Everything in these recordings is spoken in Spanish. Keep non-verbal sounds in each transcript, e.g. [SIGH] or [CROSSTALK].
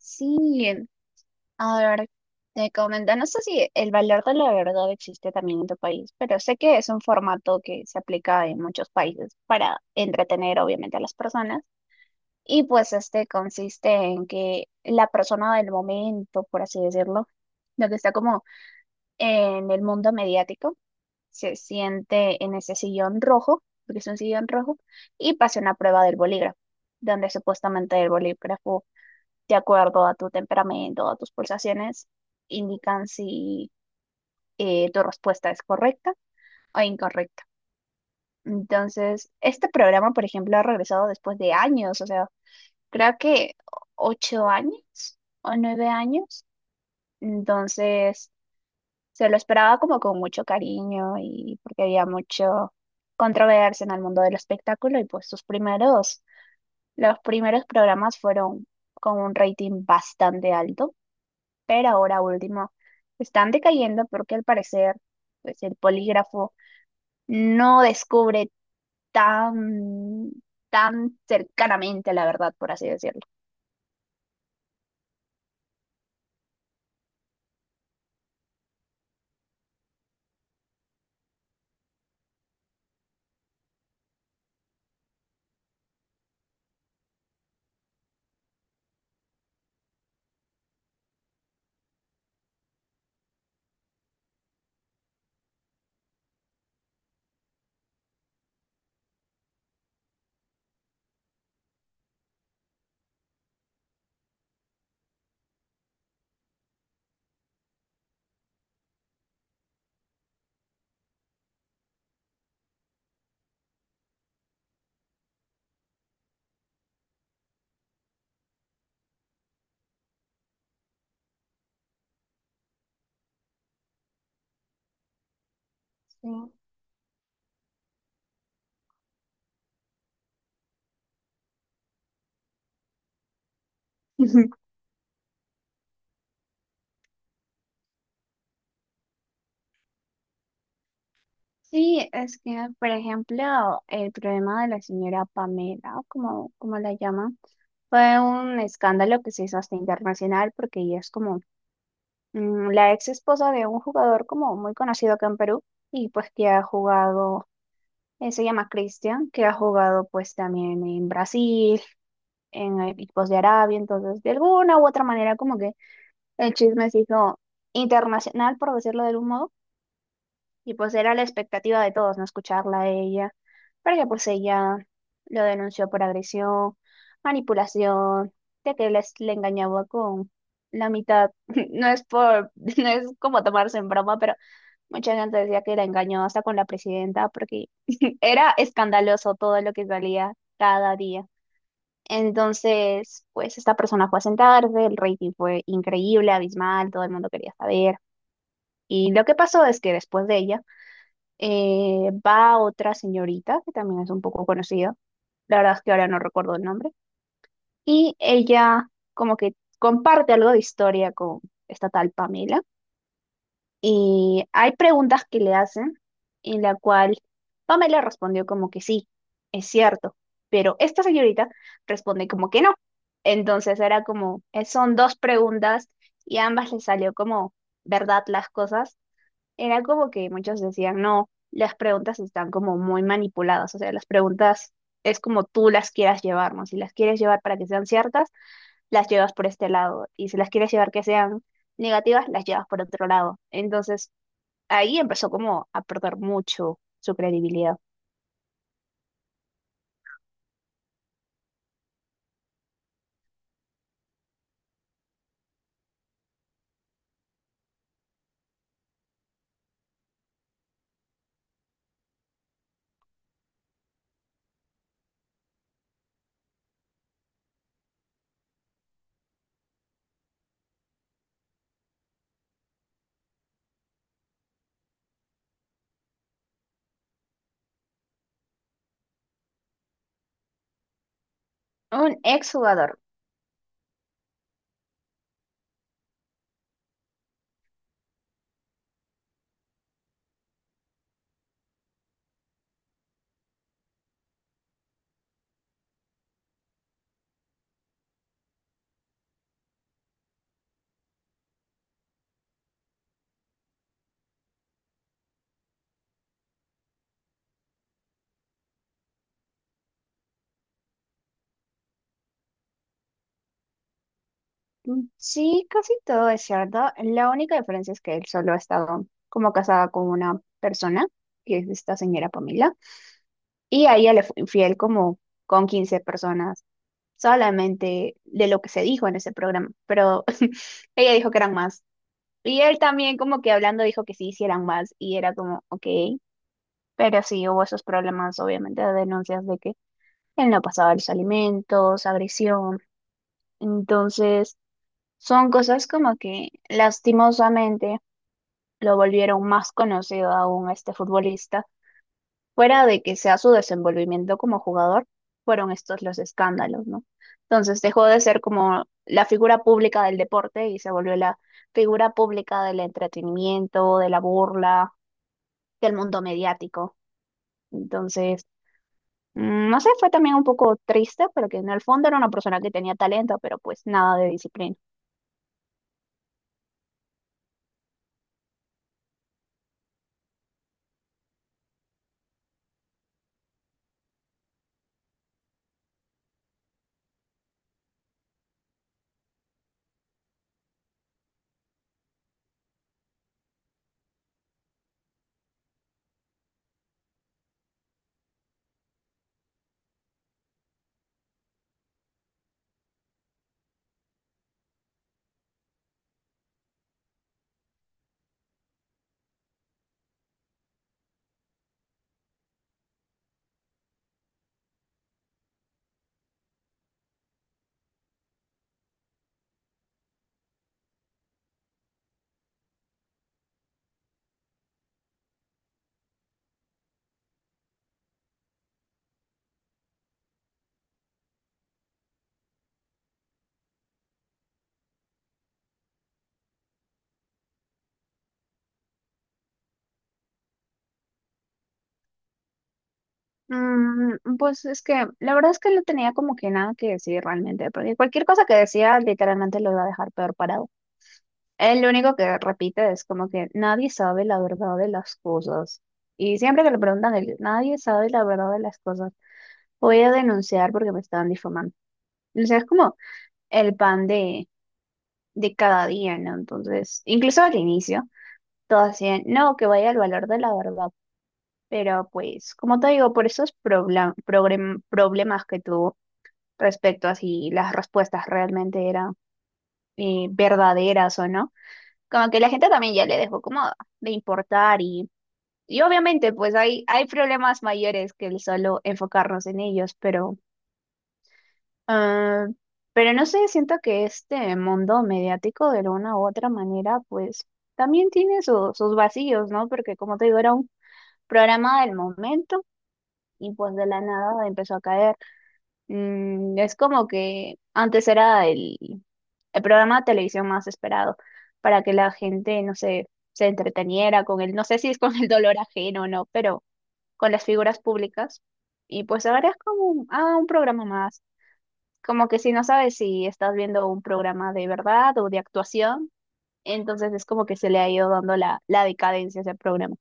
Sí, a ver, te comento, no sé si el valor de la verdad existe también en tu país, pero sé que es un formato que se aplica en muchos países para entretener obviamente a las personas. Y pues este consiste en que la persona del momento, por así decirlo, lo que está como en el mundo mediático, se siente en ese sillón rojo, porque es un sillón rojo, y pasa una prueba del bolígrafo, donde supuestamente el bolígrafo de acuerdo a tu temperamento, a tus pulsaciones, indican si tu respuesta es correcta o incorrecta. Entonces, este programa, por ejemplo, ha regresado después de años, o sea, creo que 8 años o 9 años. Entonces, se lo esperaba como con mucho cariño y porque había mucho controversia en el mundo del espectáculo y pues los primeros programas fueron con un rating bastante alto. Pero ahora último están decayendo porque al parecer pues el polígrafo no descubre tan, tan cercanamente la verdad, por así decirlo. Sí. Ujú. Sí, es que, por ejemplo, el problema de la señora Pamela, como la llaman, fue un escándalo que se hizo hasta internacional porque ella es como la ex esposa de un jugador como muy conocido acá en Perú y pues que ha jugado. Se llama Cristian, que ha jugado pues también en Brasil, en equipos de Arabia, entonces de alguna u otra manera como que el chisme se hizo internacional, por decirlo de algún modo, y pues era la expectativa de todos, no escucharla a ella, porque pues ella lo denunció por agresión, manipulación, de que le engañaba con la mitad, [LAUGHS] [LAUGHS] no es como tomarse en broma, pero. Mucha gente decía que la engañó hasta con la presidenta porque [LAUGHS] era escandaloso todo lo que salía cada día. Entonces, pues esta persona fue a sentarse, el rating fue increíble, abismal, todo el mundo quería saber. Y lo que pasó es que después de ella va otra señorita que también es un poco conocida, la verdad es que ahora no recuerdo el nombre, y ella como que comparte algo de historia con esta tal Pamela. Y hay preguntas que le hacen en la cual Pamela respondió como que sí, es cierto, pero esta señorita responde como que no. Entonces era como, son dos preguntas y a ambas les salió como verdad las cosas. Era como que muchos decían, no, las preguntas están como muy manipuladas, o sea, las preguntas es como tú las quieras llevar, ¿no? Si las quieres llevar para que sean ciertas, las llevas por este lado, y si las quieres llevar que sean negativas, las llevas por otro lado. Entonces ahí empezó como a perder mucho su credibilidad. Un ex jugador. Sí, casi todo es cierto. La única diferencia es que él solo ha estado como casada con una persona, que es esta señora Pamela, y a ella le fue infiel como con 15 personas, solamente de lo que se dijo en ese programa, pero [LAUGHS] ella dijo que eran más. Y él también como que hablando dijo que sí, sí eran más, y era como, ok, pero sí hubo esos problemas, obviamente, de denuncias de que él no pasaba los alimentos, agresión. Entonces, son cosas como que lastimosamente lo volvieron más conocido aún a este futbolista. Fuera de que sea su desenvolvimiento como jugador, fueron estos los escándalos, ¿no? Entonces dejó de ser como la figura pública del deporte y se volvió la figura pública del entretenimiento, de la burla, del mundo mediático. Entonces, no sé, fue también un poco triste, pero que en el fondo era una persona que tenía talento, pero pues nada de disciplina. Pues es que la verdad es que no tenía como que nada que decir realmente, porque cualquier cosa que decía literalmente lo iba a dejar peor parado. Él lo único que repite es como que nadie sabe la verdad de las cosas. Y siempre que le preguntan, él, nadie sabe la verdad de las cosas. Voy a denunciar porque me estaban difamando. O sea, es como el pan de cada día, ¿no? Entonces, incluso al inicio, todo así, de, no, que vaya al valor de la verdad. Pero pues, como te digo, por esos problemas que tuvo respecto a si las respuestas realmente eran verdaderas o no, como que la gente también ya le dejó como de importar y obviamente pues hay problemas mayores que el solo enfocarnos en ellos, ah, pero no sé, siento que este mundo mediático de alguna u otra manera pues también tiene sus vacíos, ¿no? Porque como te digo, era un programa del momento y pues de la nada empezó a caer. Es como que antes era el programa de televisión más esperado para que la gente, no sé, se entreteniera con el, no sé si es con el dolor ajeno o no, pero con las figuras públicas. Y pues ahora es como un programa más. Como que si no sabes si estás viendo un programa de verdad o de actuación, entonces es como que se le ha ido dando la decadencia a ese programa.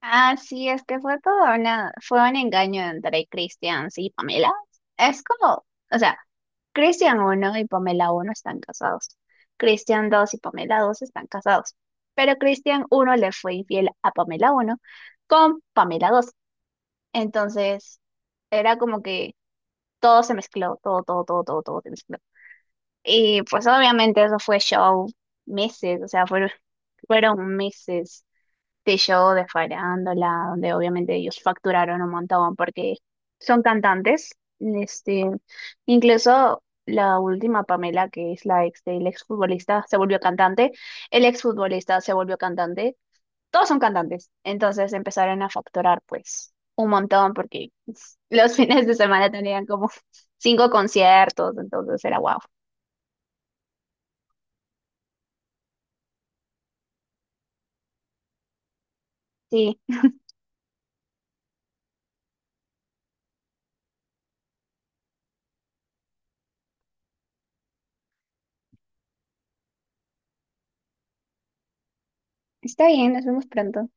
Ah, sí, es que fue todo una, fue un engaño entre Christian y Pamela. Es como, o sea, Christian uno y Pamela uno están casados. Christian dos y Pamela dos están casados. Pero Christian uno le fue infiel a Pamela uno con Pamela dos. Entonces, era como que todo se mezcló, todo, todo, todo, todo, todo se mezcló. Y pues obviamente eso fue show meses, o sea, fueron meses de show de farándula, donde obviamente ellos facturaron un montón porque son cantantes. Este, incluso la última Pamela, que es la ex del exfutbolista, se volvió cantante. El exfutbolista se volvió cantante. Todos son cantantes. Entonces empezaron a facturar pues un montón porque [LAUGHS] los fines de semana tenían como cinco conciertos, entonces era guau. Sí, está bien, nos vemos pronto.